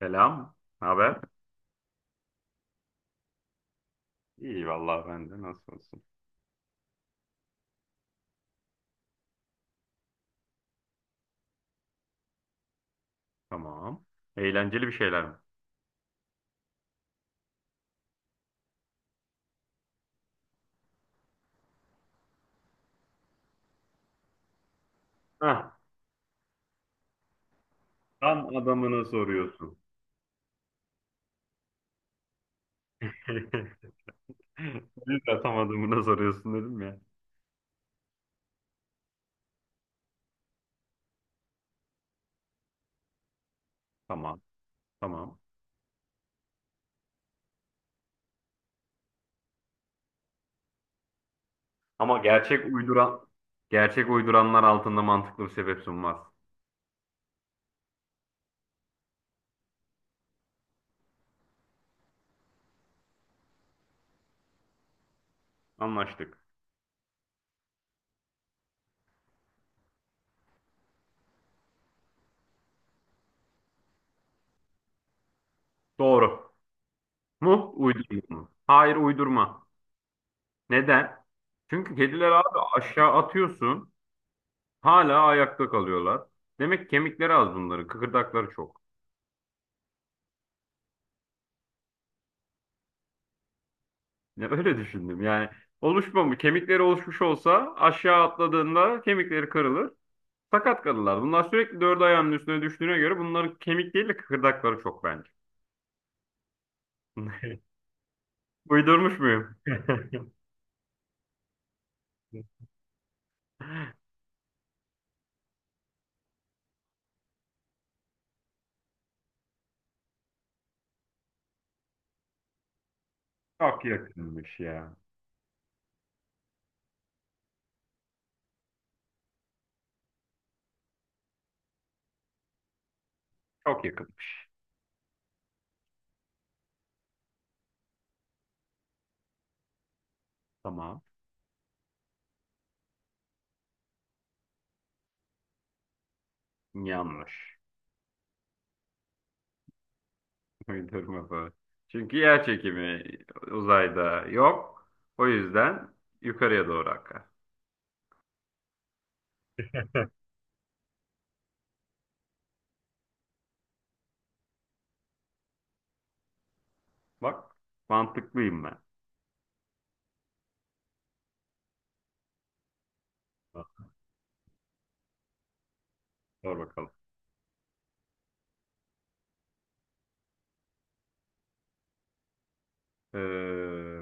Selam. Ne haber? İyi vallahi ben de nasıl olsun? Tamam. Eğlenceli bir şeyler mi? Hah, tam adamına soruyorsun. O yüzden tam adamına soruyorsun dedim ya. Tamam, tamam. Ama gerçek uyduranlar altında mantıklı bir sebep sunmaz. Anlaştık. Doğru mu? Uydurma mı? Hayır, uydurma. Neden? Çünkü kediler abi aşağı atıyorsun, hala ayakta kalıyorlar. Demek ki kemikleri az bunların, kıkırdakları çok. Ya öyle düşündüm. Yani oluşmamış, kemikleri oluşmuş olsa aşağı atladığında kemikleri kırılır. Sakat kalırlar. Bunlar sürekli dört ayağının üstüne düştüğüne göre bunların kemik değil de kıkırdakları çok bence. Uydurmuş muyum? Çok yakınmış ya. Çok yakınmış. Tamam. Yanlış. Uydurma bu. Çünkü yer çekimi uzayda yok. O yüzden yukarıya doğru akar. Bak, mantıklıyım ben. Bak, sor bakalım. Ee,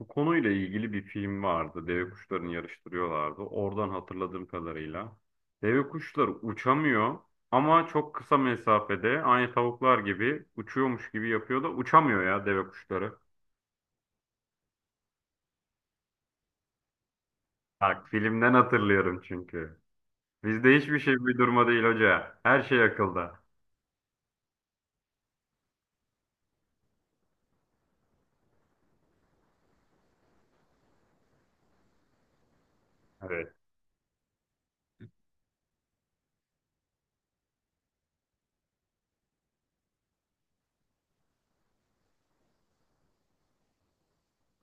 Bu konuyla ilgili bir film vardı. Deve kuşlarını yarıştırıyorlardı. Oradan hatırladığım kadarıyla. Deve kuşları uçamıyor ama çok kısa mesafede aynı tavuklar gibi uçuyormuş gibi yapıyor da uçamıyor ya deve kuşları. Bak filmden hatırlıyorum çünkü. Bizde hiçbir şey uydurma değil hoca. Her şey akılda. Evet.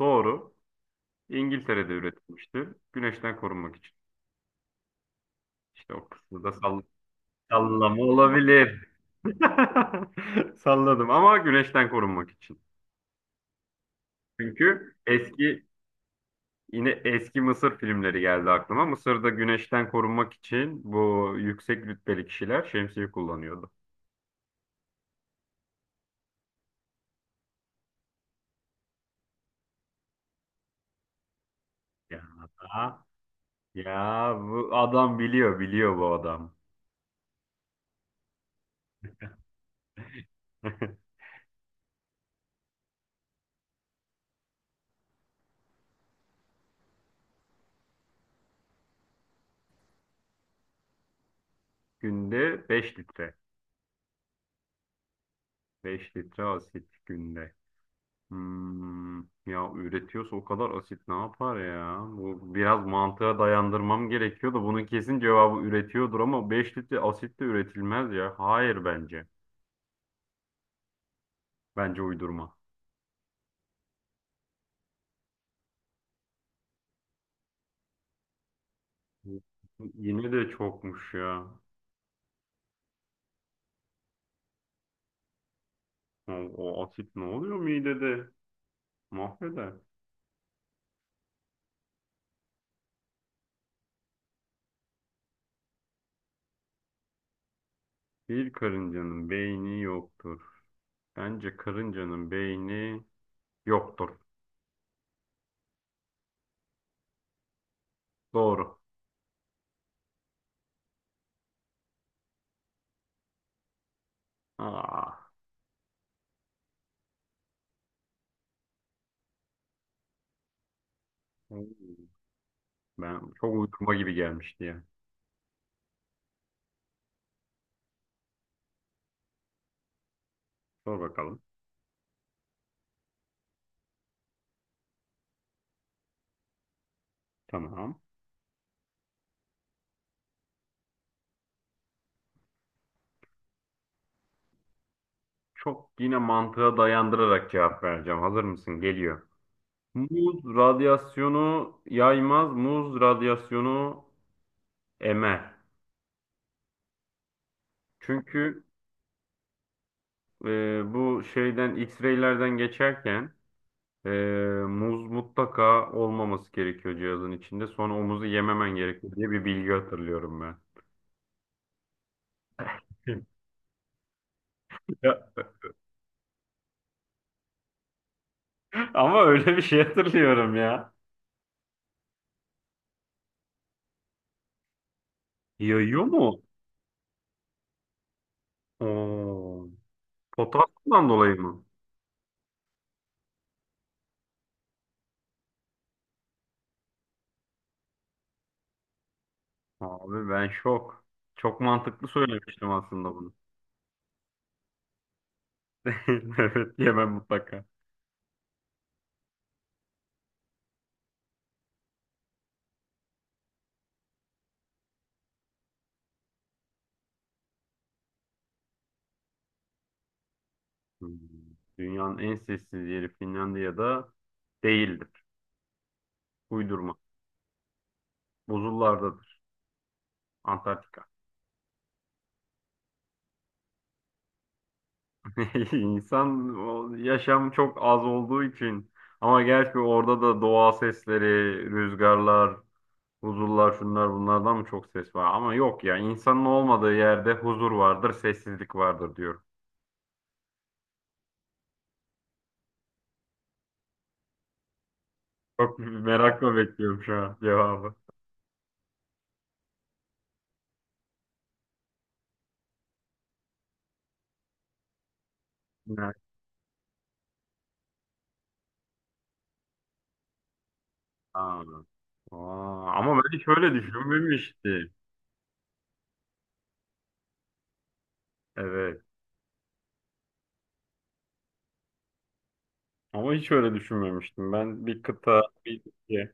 Doğru. İngiltere'de üretilmişti. Güneşten korunmak için. İşte o kısmı da sallama olabilir. Salladım ama güneşten korunmak için. Çünkü eski yine eski Mısır filmleri geldi aklıma. Mısır'da güneşten korunmak için bu yüksek rütbeli kişiler şemsiye kullanıyordu. Ya, ya bu adam biliyor, biliyor bu adam. Günde 5 litre. 5 litre asit günde. Hmm, ya üretiyorsa o kadar asit ne yapar ya? Bu biraz mantığa dayandırmam gerekiyor da bunun kesin cevabı üretiyordur ama 5 litre asit de üretilmez ya. Hayır bence. Bence uydurma. Yine de çokmuş ya. O asit ne oluyor midede? Mahveder. Bir karıncanın beyni yoktur. Bence karıncanın beyni yoktur. Doğru. Aa, ben çok uydurma gibi gelmişti ya. Sor bakalım. Tamam. Çok yine mantığa dayandırarak cevap vereceğim. Hazır mısın? Geliyor. Muz radyasyonu yaymaz, muz radyasyonu emer. Çünkü bu şeyden X-ray'lerden geçerken ee, muz mutlaka olmaması gerekiyor cihazın içinde. Sonra o muzu yememen gerekiyor diye bir bilgi hatırlıyorum ben. Ya, ama öyle bir şey hatırlıyorum ya. Yayıyor mu? Oo, potasyumdan dolayı mı? Abi ben şok. Çok mantıklı söylemiştim aslında bunu. Evet yemem mutlaka. Hmm. Dünyanın en sessiz yeri Finlandiya'da değildir. Uydurma. Buzullardadır. Antarktika. İnsan o yaşam çok az olduğu için ama gerçi orada da doğa sesleri, rüzgarlar, huzurlar şunlar bunlardan mı çok ses var? Ama yok ya insanın olmadığı yerde huzur vardır, sessizlik vardır diyorum. Çok merakla bekliyorum şu an cevabı. Ne? Aa, aa, ama ben hiç öyle düşünmemiştim. Evet. Ama hiç öyle düşünmemiştim. Ben bir kıta, bir ülke.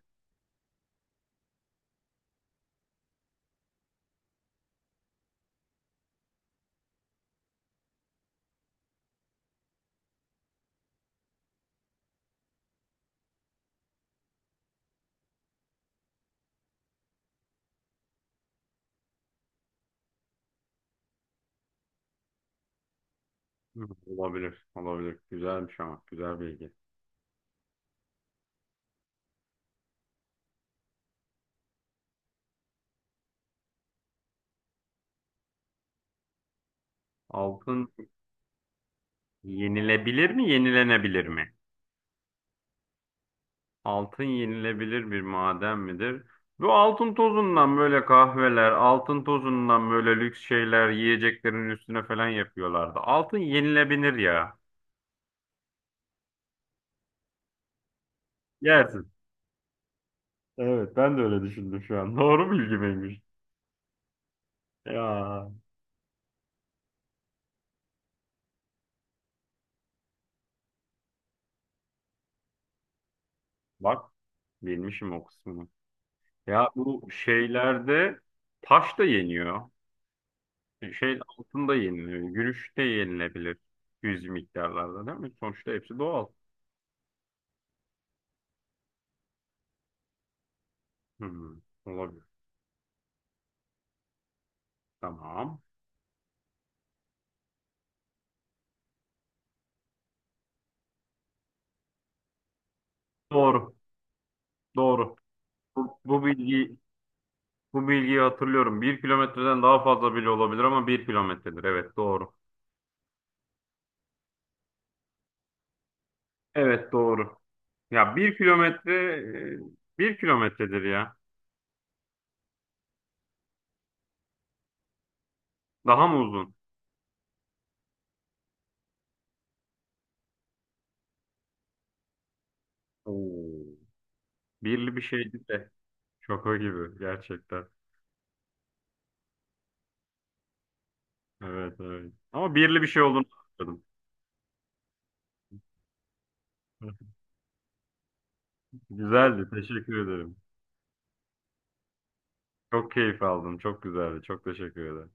Hı, olabilir, olabilir. Güzelmiş ama, güzel bilgi. Altın. Yenilebilir mi, yenilenebilir mi? Altın yenilebilir bir maden midir? Bu altın tozundan böyle kahveler, altın tozundan böyle lüks şeyler yiyeceklerin üstüne falan yapıyorlardı. Altın yenilebilir ya. Yersin. Evet, ben de öyle düşündüm şu an. Doğru bilgi miymiş? Ya bak, bilmişim o kısmını. Ya bu şeylerde taş da yeniyor. Şey altın da yeniliyor. Gümüş de yenilebilir. Yüz miktarlarda değil mi? Sonuçta hepsi doğal. Hmm, olabilir. Tamam. Doğru. Doğru. Bu, bu bilgi bu bilgiyi hatırlıyorum. 1 kilometreden daha fazla bile olabilir ama 1 kilometredir. Evet doğru. Evet doğru. Ya 1 kilometredir ya. Daha mı uzun? Oo. Birli bir şeydi de. Şaka gibi gerçekten. Evet evet. Ama birli bir şey olduğunu anladım. Güzeldi. Teşekkür ederim. Çok keyif aldım. Çok güzeldi. Çok teşekkür ederim.